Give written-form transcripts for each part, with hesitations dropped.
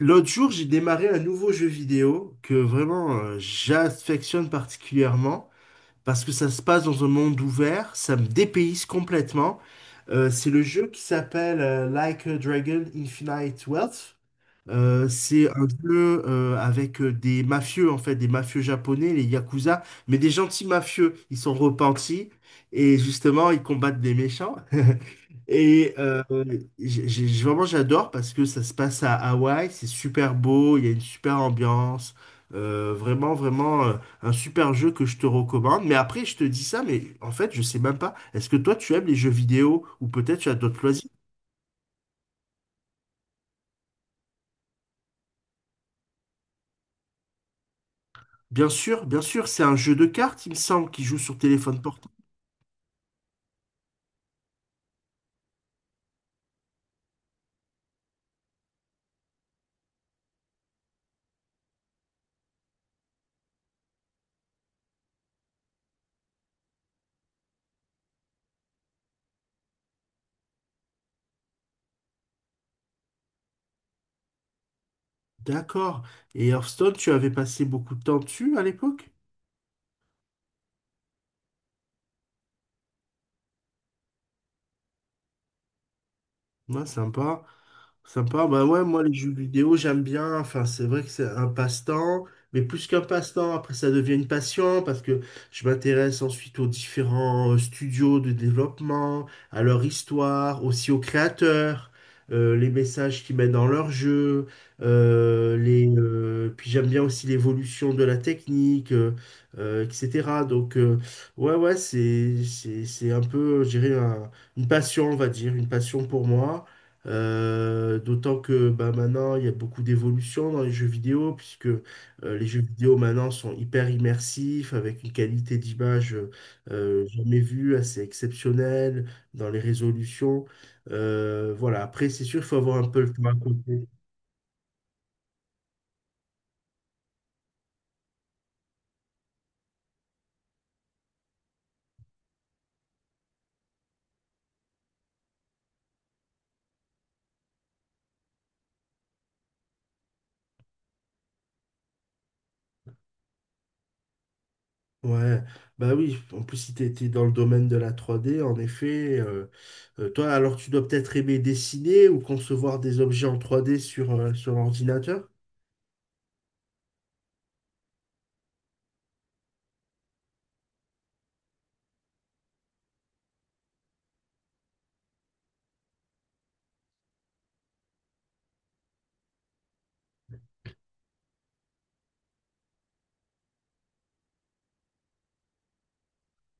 L'autre jour, j'ai démarré un nouveau jeu vidéo que vraiment j'affectionne particulièrement parce que ça se passe dans un monde ouvert, ça me dépayse complètement. C'est le jeu qui s'appelle Like a Dragon Infinite Wealth. C'est un jeu avec des mafieux, en fait, des mafieux japonais, les Yakuza, mais des gentils mafieux. Ils sont repentis et justement, ils combattent des méchants. Et euh, vraiment, j'adore parce que ça se passe à Hawaï, c'est super beau, il y a une super ambiance. Euh, vraiment, vraiment, euh, un super jeu que je te recommande. Mais après, je te dis ça, mais en fait, je sais même pas. Est-ce que toi, tu aimes les jeux vidéo ou peut-être tu as d'autres loisirs? Bien sûr, c'est un jeu de cartes, il me semble, qui joue sur téléphone portable. D'accord. Et Hearthstone, tu avais passé beaucoup de temps dessus à l'époque? Ouais, sympa. Sympa, bah ouais, moi les jeux vidéo j'aime bien, enfin c'est vrai que c'est un passe-temps, mais plus qu'un passe-temps, après ça devient une passion parce que je m'intéresse ensuite aux différents studios de développement, à leur histoire, aussi aux créateurs, les messages qu'ils mettent dans leurs jeux, puis j'aime bien aussi l'évolution de la technique, etc. Donc ouais, c'est, c'est un peu, je dirais, une passion, on va dire, une passion pour moi. D'autant que bah, maintenant, il y a beaucoup d'évolution dans les jeux vidéo, puisque les jeux vidéo maintenant sont hyper immersifs, avec une qualité d'image jamais vue, assez exceptionnelle, dans les résolutions. Voilà, après, c'est sûr, il faut avoir un peu le temps à côté. Ouais, bah oui, en plus, si tu étais dans le domaine de la trois d en effet, toi, alors tu dois peut-être aimer dessiner ou concevoir des objets en trois d sur, sur l'ordinateur.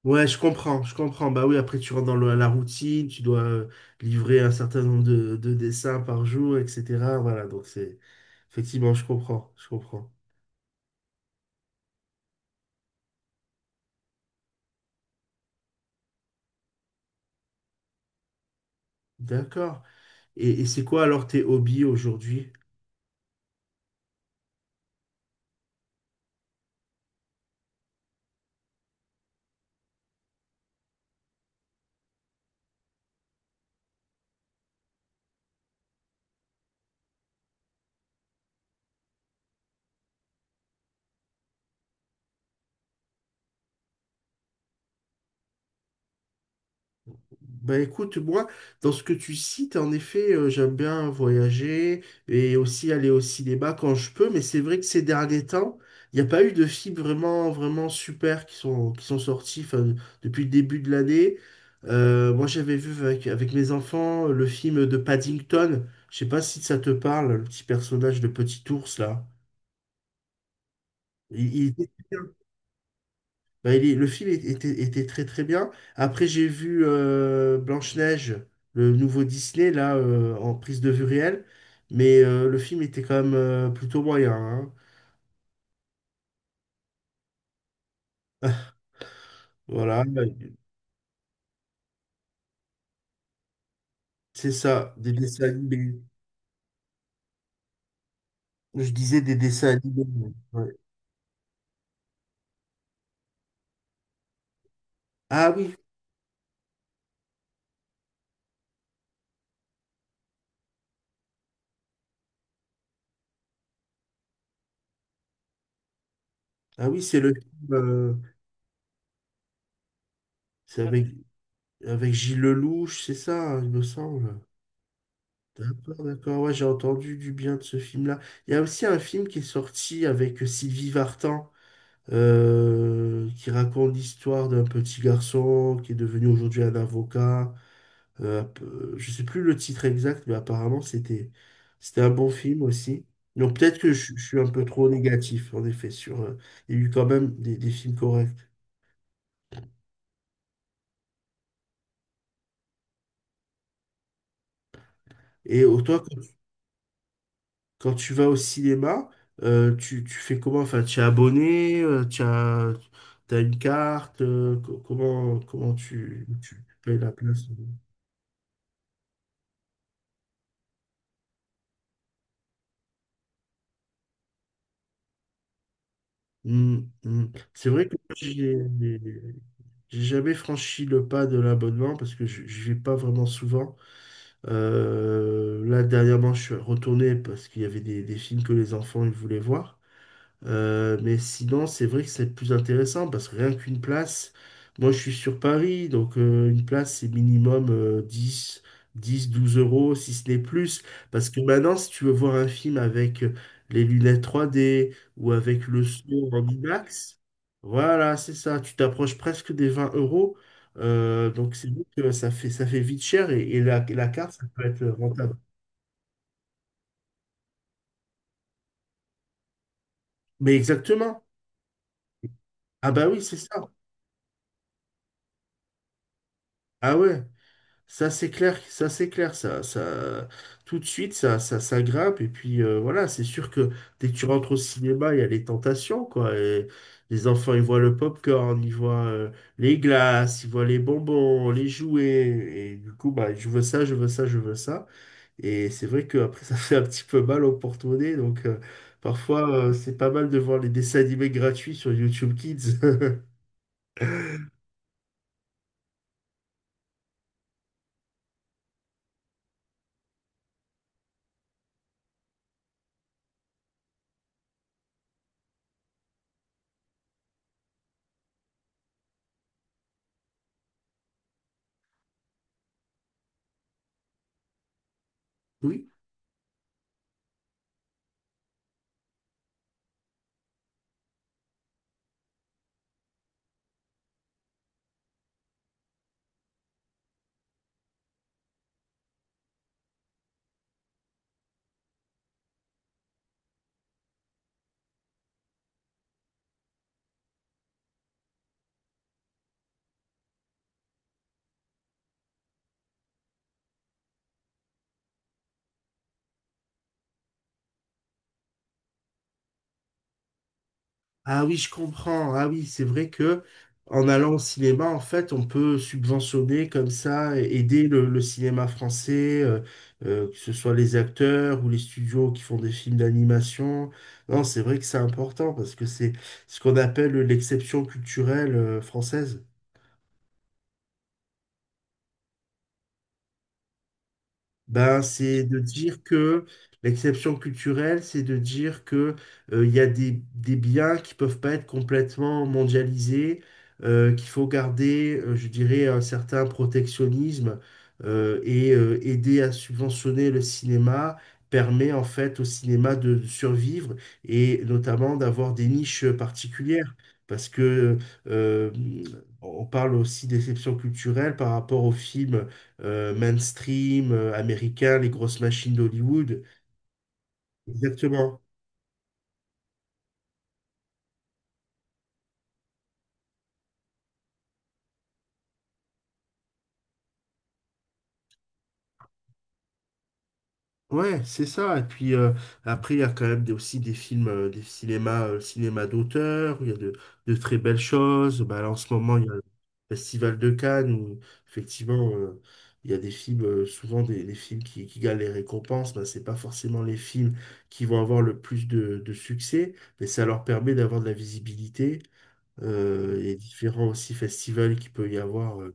Ouais, je comprends, je comprends. Bah oui, après tu rentres dans la routine, tu dois livrer un certain nombre de dessins par jour, etc. Voilà, donc c'est effectivement, je comprends, je comprends. D'accord. Et c'est quoi alors tes hobbies aujourd'hui? Bah écoute, moi, dans ce que tu cites, en effet, j'aime bien voyager et aussi aller au cinéma quand je peux, mais c'est vrai que ces derniers temps, il n'y a pas eu de films vraiment, vraiment super qui sont sortis enfin, depuis le début de l'année. Moi, j'avais vu avec, avec mes enfants le film de Paddington. Je sais pas si ça te parle, le petit personnage de Petit Ours, là. Il était bien. Bah, le film était, était très très bien. Après, j'ai vu Blanche-Neige, le nouveau Disney, là, en prise de vue réelle. Mais le film était quand même plutôt moyen, hein. Voilà, bah, c'est ça, des dessins animés. Je disais des dessins animés. Ouais. Ah oui, ah oui, c'est le film c'est avec, avec Gilles Lelouch, c'est ça, hein, il me semble. D'accord, d'accord, ouais, j'ai entendu du bien de ce film-là. Il y a aussi un film qui est sorti avec Sylvie Vartan, qui raconte l'histoire d'un petit garçon qui est devenu aujourd'hui un avocat. Euh, je sais plus le titre exact, mais apparemment c'était un bon film aussi. Donc peut-être que je suis un peu trop négatif, en effet, sur... il y a eu quand même des films corrects. Toi, quand tu vas au cinéma, tu, tu fais comment? Enfin, tu es abonné, tu as, t'as une carte, comment, comment tu, tu payes la place? Mm, mm. C'est vrai que J'ai jamais franchi le pas de l'abonnement parce que je vais pas vraiment souvent. Là, dernièrement, je suis retourné parce qu'il y avait des films que les enfants ils voulaient voir. Mais sinon, c'est vrai que c'est plus intéressant parce que rien qu'une place, moi je suis sur Paris, une place c'est minimum 10, 10, 12 euros, si ce n'est plus. Parce que maintenant, si tu veux voir un film avec les lunettes 3D ou avec le son en IMAX, voilà, c'est ça, tu t'approches presque des 20 euros. Donc c'est vrai que ça fait vite cher et la carte, ça peut être rentable. Mais exactement. Ah bah oui, c'est ça. Ah ouais. Ça, c'est clair, ça, c'est clair, ça, tout de suite, ça grimpe, et puis voilà, c'est sûr que dès que tu rentres au cinéma, il y a les tentations, quoi, et les enfants, ils voient le popcorn, ils voient les glaces, ils voient les bonbons, les jouets, et du coup, bah, je veux ça, je veux ça, je veux ça, et c'est vrai que après ça fait un petit peu mal au porte-monnaie, donc parfois, c'est pas mal de voir les dessins animés gratuits sur YouTube Kids. Oui. Ah oui, je comprends. Ah oui, c'est vrai que en allant au cinéma, en fait, on peut subventionner comme ça, aider le cinéma français, que ce soit les acteurs ou les studios qui font des films d'animation. Non, c'est vrai que c'est important parce que c'est ce qu'on appelle l'exception culturelle, française. Ben, c'est de dire que l'exception culturelle, c'est de dire que il y a des biens qui peuvent pas être complètement mondialisés, qu'il faut garder, je dirais, un certain protectionnisme , et aider à subventionner le cinéma permet en fait au cinéma de survivre et notamment d'avoir des niches particulières. Parce que euh, on parle aussi d'exception culturelle par rapport aux films mainstream, américain, les grosses machines d'Hollywood. Exactement. Ouais, c'est ça. Et puis après, il y a quand même aussi des films, des cinémas, cinéma d'auteur, où il y a de très belles choses. Bah, là, en ce moment, il y a le Festival de Cannes où effectivement, il y a des films, souvent des films qui gagnent les récompenses. Bah, c'est pas forcément les films qui vont avoir le plus de succès, mais ça leur permet d'avoir de la visibilité. Et différents aussi festivals qu'il peut y avoir,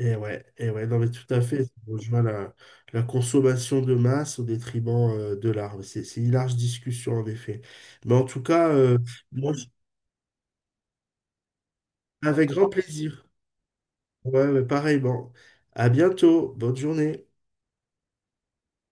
et ouais, et ouais, non mais tout à fait, ça rejoint la, la consommation de masse au détriment de l'art. Mais c'est une large discussion en effet. Mais en tout cas, moi, je- Avec grand plaisir. Ouais, ouais, pareil, bon. À bientôt, bonne journée.